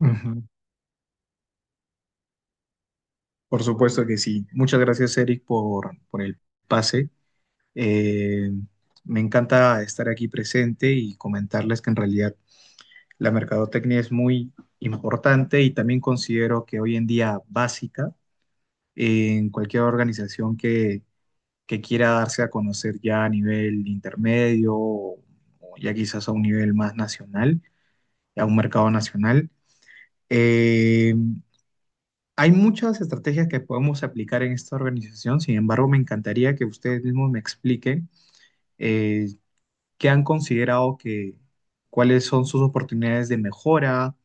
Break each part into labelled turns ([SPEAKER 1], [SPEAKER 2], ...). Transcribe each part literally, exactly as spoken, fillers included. [SPEAKER 1] Ujú. Por supuesto que sí. Muchas gracias, Eric, por, por el pase. Eh, Me encanta estar aquí presente y comentarles que en realidad la mercadotecnia es muy importante y también considero que hoy en día básica en cualquier organización que, que quiera darse a conocer ya a nivel intermedio o ya quizás a un nivel más nacional, a un mercado nacional. Eh, Hay muchas estrategias que podemos aplicar en esta organización. Sin embargo, me encantaría que ustedes mismos me expliquen eh, qué han considerado que, cuáles son sus oportunidades de mejora,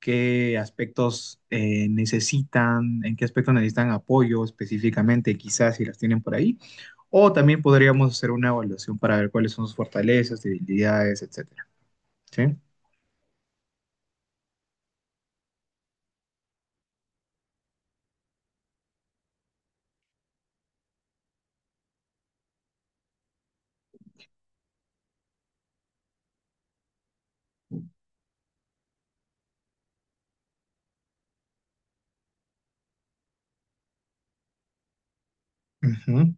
[SPEAKER 1] qué aspectos eh, necesitan, en qué aspectos necesitan apoyo específicamente, quizás si las tienen por ahí, o también podríamos hacer una evaluación para ver cuáles son sus fortalezas, debilidades, etcétera. ¿Sí? Ujú.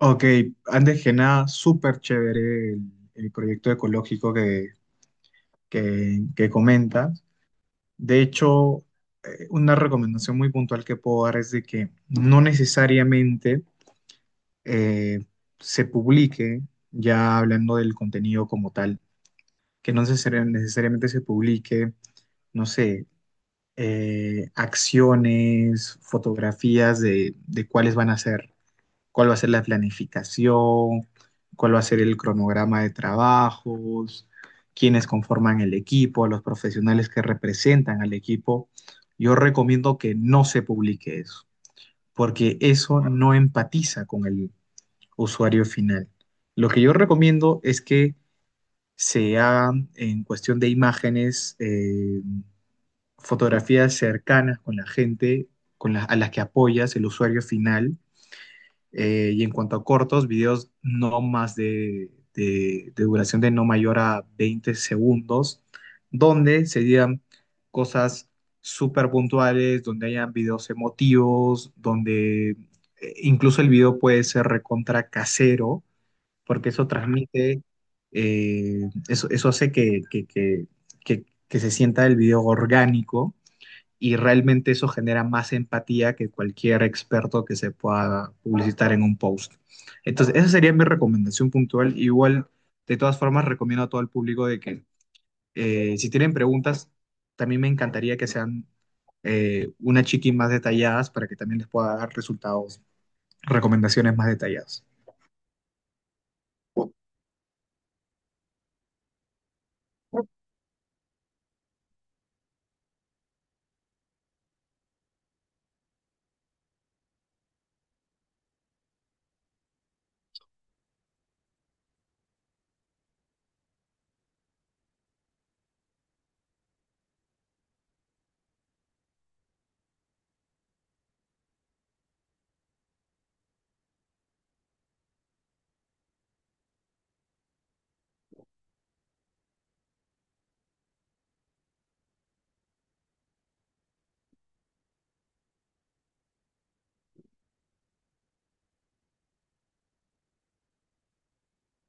[SPEAKER 1] Ok, antes que nada, súper chévere el, el proyecto ecológico que, que, que comentas. De hecho, eh, una recomendación muy puntual que puedo dar es de que no necesariamente eh, se publique, ya hablando del contenido como tal, que no necesari- necesariamente se publique, no sé, eh, acciones, fotografías de, de cuáles van a ser cuál va a ser la planificación, cuál va a ser el cronograma de trabajos, quiénes conforman el equipo, los profesionales que representan al equipo. Yo recomiendo que no se publique eso, porque eso no empatiza con el usuario final. Lo que yo recomiendo es que se hagan en cuestión de imágenes, eh, fotografías cercanas con la gente, con la- a las que apoyas, el usuario final, eh, y en cuanto a cortos, videos no más de, de, de duración de no mayor a veinte segundos, donde se digan cosas súper puntuales, donde hayan videos emotivos, donde eh, incluso el video puede ser recontra casero, porque eso transmite, eh, eso, eso hace que, que, que, que, que se sienta el video orgánico y realmente eso genera más empatía que cualquier experto que se pueda publicitar en un post. Entonces, esa sería mi recomendación puntual. Igual, de todas formas, recomiendo a todo el público de que eh, si tienen preguntas, también me encantaría que sean eh, una chiqui más detalladas para que también les pueda dar resultados, recomendaciones más detalladas.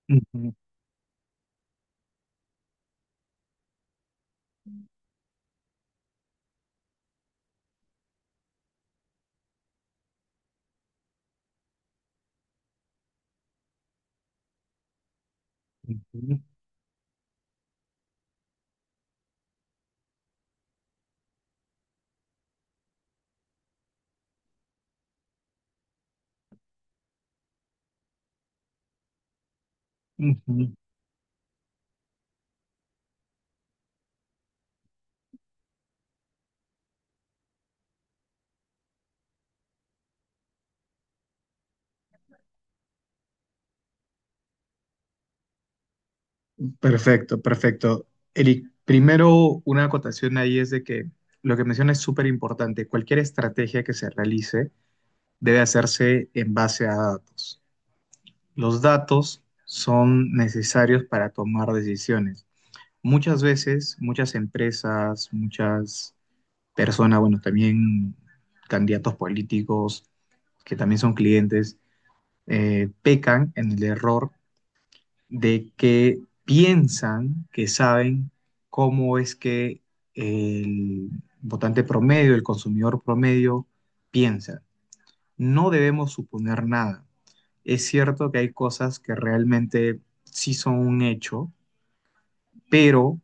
[SPEAKER 1] Ujú, ujú, ujú. Perfecto, perfecto. Eric, primero una acotación ahí es de que lo que menciona es súper importante. Cualquier estrategia que se realice debe hacerse en base a datos. Los datos son necesarios para tomar decisiones. Muchas veces, muchas empresas, muchas personas, bueno, también candidatos políticos que también son clientes, eh, pecan en el error de que piensan que saben cómo es que el votante promedio, el consumidor promedio, piensa. No debemos suponer nada. Es cierto que hay cosas que realmente sí son un hecho, pero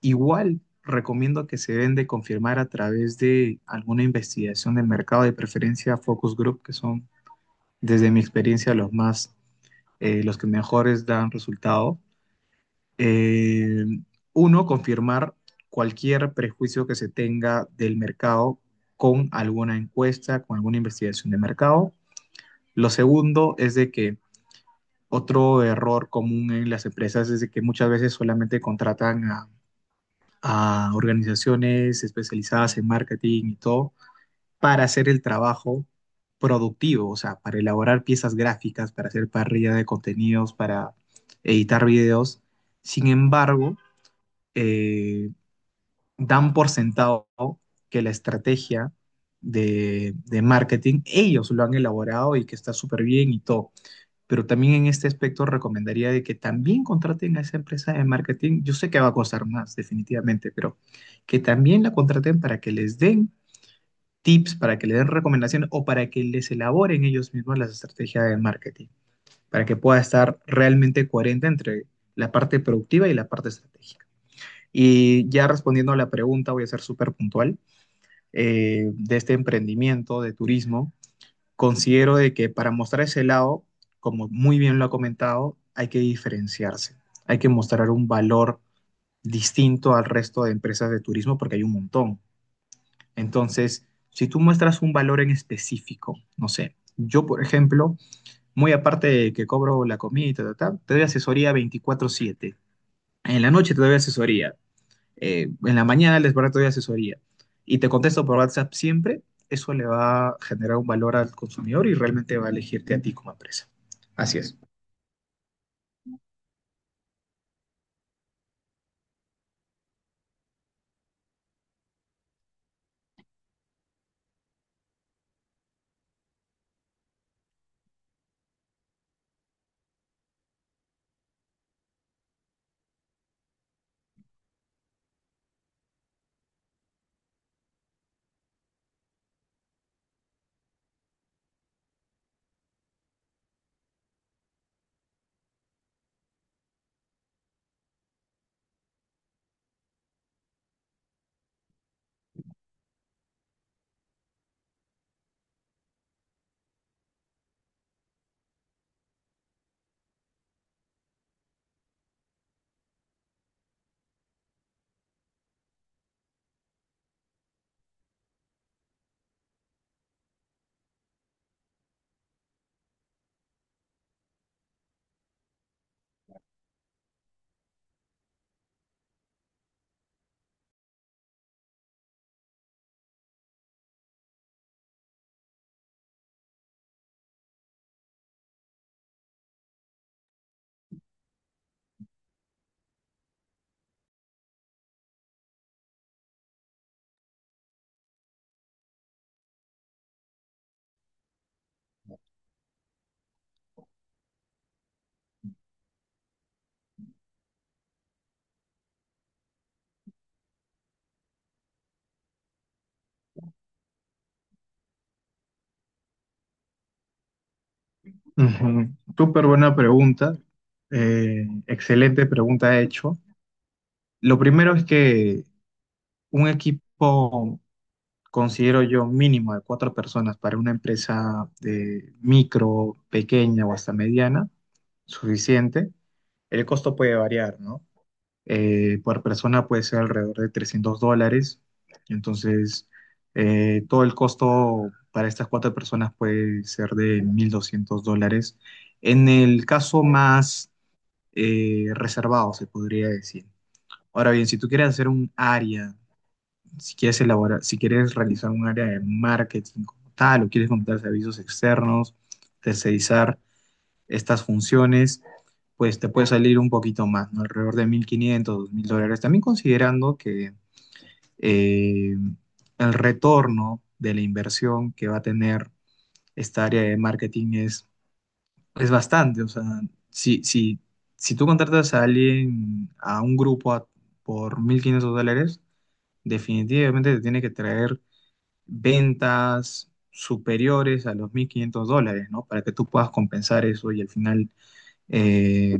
[SPEAKER 1] igual recomiendo que se deben de confirmar a través de alguna investigación de mercado de preferencia focus group, que son desde mi experiencia los más, eh, los que mejores dan resultado. Eh, Uno, confirmar cualquier prejuicio que se tenga del mercado con alguna encuesta, con alguna investigación de mercado. Lo segundo es de que otro error común en las empresas es de que muchas veces solamente contratan a, a organizaciones especializadas en marketing y todo para hacer el trabajo productivo, o sea, para elaborar piezas gráficas, para hacer parrilla de contenidos, para editar videos. Sin embargo, eh, dan por sentado que la estrategia de, de marketing ellos lo han elaborado y que está súper bien y todo. Pero también en este aspecto recomendaría de que también contraten a esa empresa de marketing. Yo sé que va a costar más, definitivamente, pero que también la contraten para que les den tips, para que les den recomendaciones o para que les elaboren ellos mismos las estrategias de marketing, para que pueda estar realmente coherente entre la parte productiva y la parte estratégica. Y ya respondiendo a la pregunta, voy a ser súper puntual eh, de este emprendimiento de turismo, considero de que para mostrar ese lado, como muy bien lo ha comentado, hay que diferenciarse, hay que mostrar un valor distinto al resto de empresas de turismo porque hay un montón. Entonces, si tú muestras un valor en específico, no sé, yo por ejemplo, muy aparte de que cobro la comida, y ta, ta, ta, te doy asesoría veinticuatro siete. En la noche te doy asesoría eh, en la mañana les barato de asesoría y te contesto por WhatsApp siempre, eso le va a generar un valor al consumidor y realmente va a elegirte a ti como empresa. Así es. Ujú. Súper buena pregunta. Eh, excelente pregunta hecho. Lo primero es que un equipo, considero yo, mínimo de cuatro personas para una empresa de micro, pequeña o hasta mediana, suficiente. El costo puede variar, ¿no? Eh, por persona puede ser alrededor de trescientos dólares. Entonces, eh, todo el costo para estas cuatro personas puede ser de mil doscientos dólares. En el caso más eh, reservado, se podría decir. Ahora bien, si tú quieres hacer un área, si quieres elaborar, si quieres realizar un área de marketing como tal, o quieres montar servicios externos, tercerizar estas funciones, pues te puede salir un poquito más, ¿no? Alrededor de mil quinientos dos mil dólares. También considerando que eh, el retorno de la inversión que va a tener esta área de marketing es, es bastante. O sea, si, si, si tú contratas a alguien, a un grupo a- por mil quinientos dólares, definitivamente te tiene que traer ventas superiores a los mil quinientos dólares, ¿no? Para que tú puedas compensar eso y al final eh,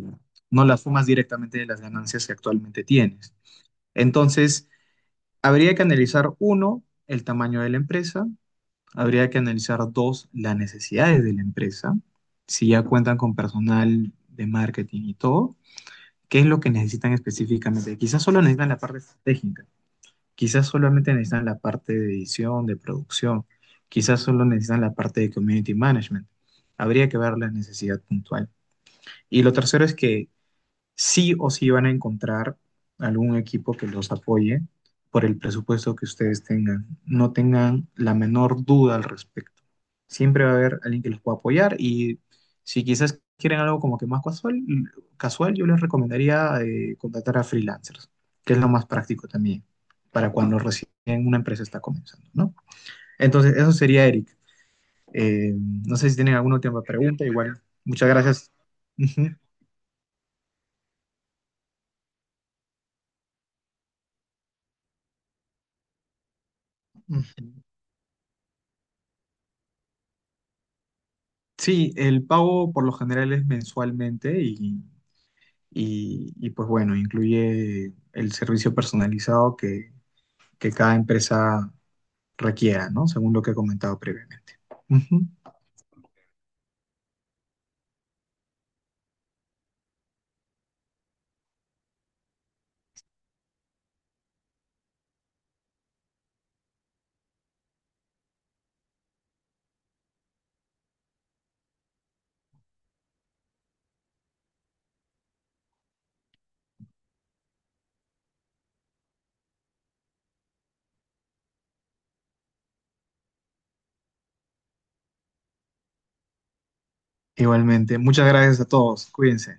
[SPEAKER 1] no las fumas directamente de las ganancias que actualmente tienes. Entonces, habría que analizar, uno, el tamaño de la empresa, habría que analizar, dos, las necesidades de la empresa, si ya cuentan con personal de marketing y todo, qué es lo que necesitan específicamente. Quizás solo necesitan la parte estratégica, quizás solamente necesitan la parte de edición, de producción, quizás solo necesitan la parte de community management. Habría que ver la necesidad puntual. Y lo tercero es que sí o sí van a encontrar algún equipo que los apoye por el presupuesto que ustedes tengan. No tengan la menor duda al respecto. Siempre va a haber alguien que los pueda apoyar y si quizás quieren algo como que más casual, casual yo les recomendaría eh, contratar a freelancers, que es lo más práctico también para cuando recién una empresa está comenzando, ¿no? Entonces, eso sería Eric. Eh, no sé si tienen alguna última pregunta, igual. Muchas gracias. Ujú. Ujú. Sí, el pago por lo general es mensualmente y, y- y, pues bueno, incluye el servicio personalizado que, que cada empresa requiera, ¿no? Según lo que he comentado previamente. Ujú. Igualmente, muchas gracias a todos, cuídense.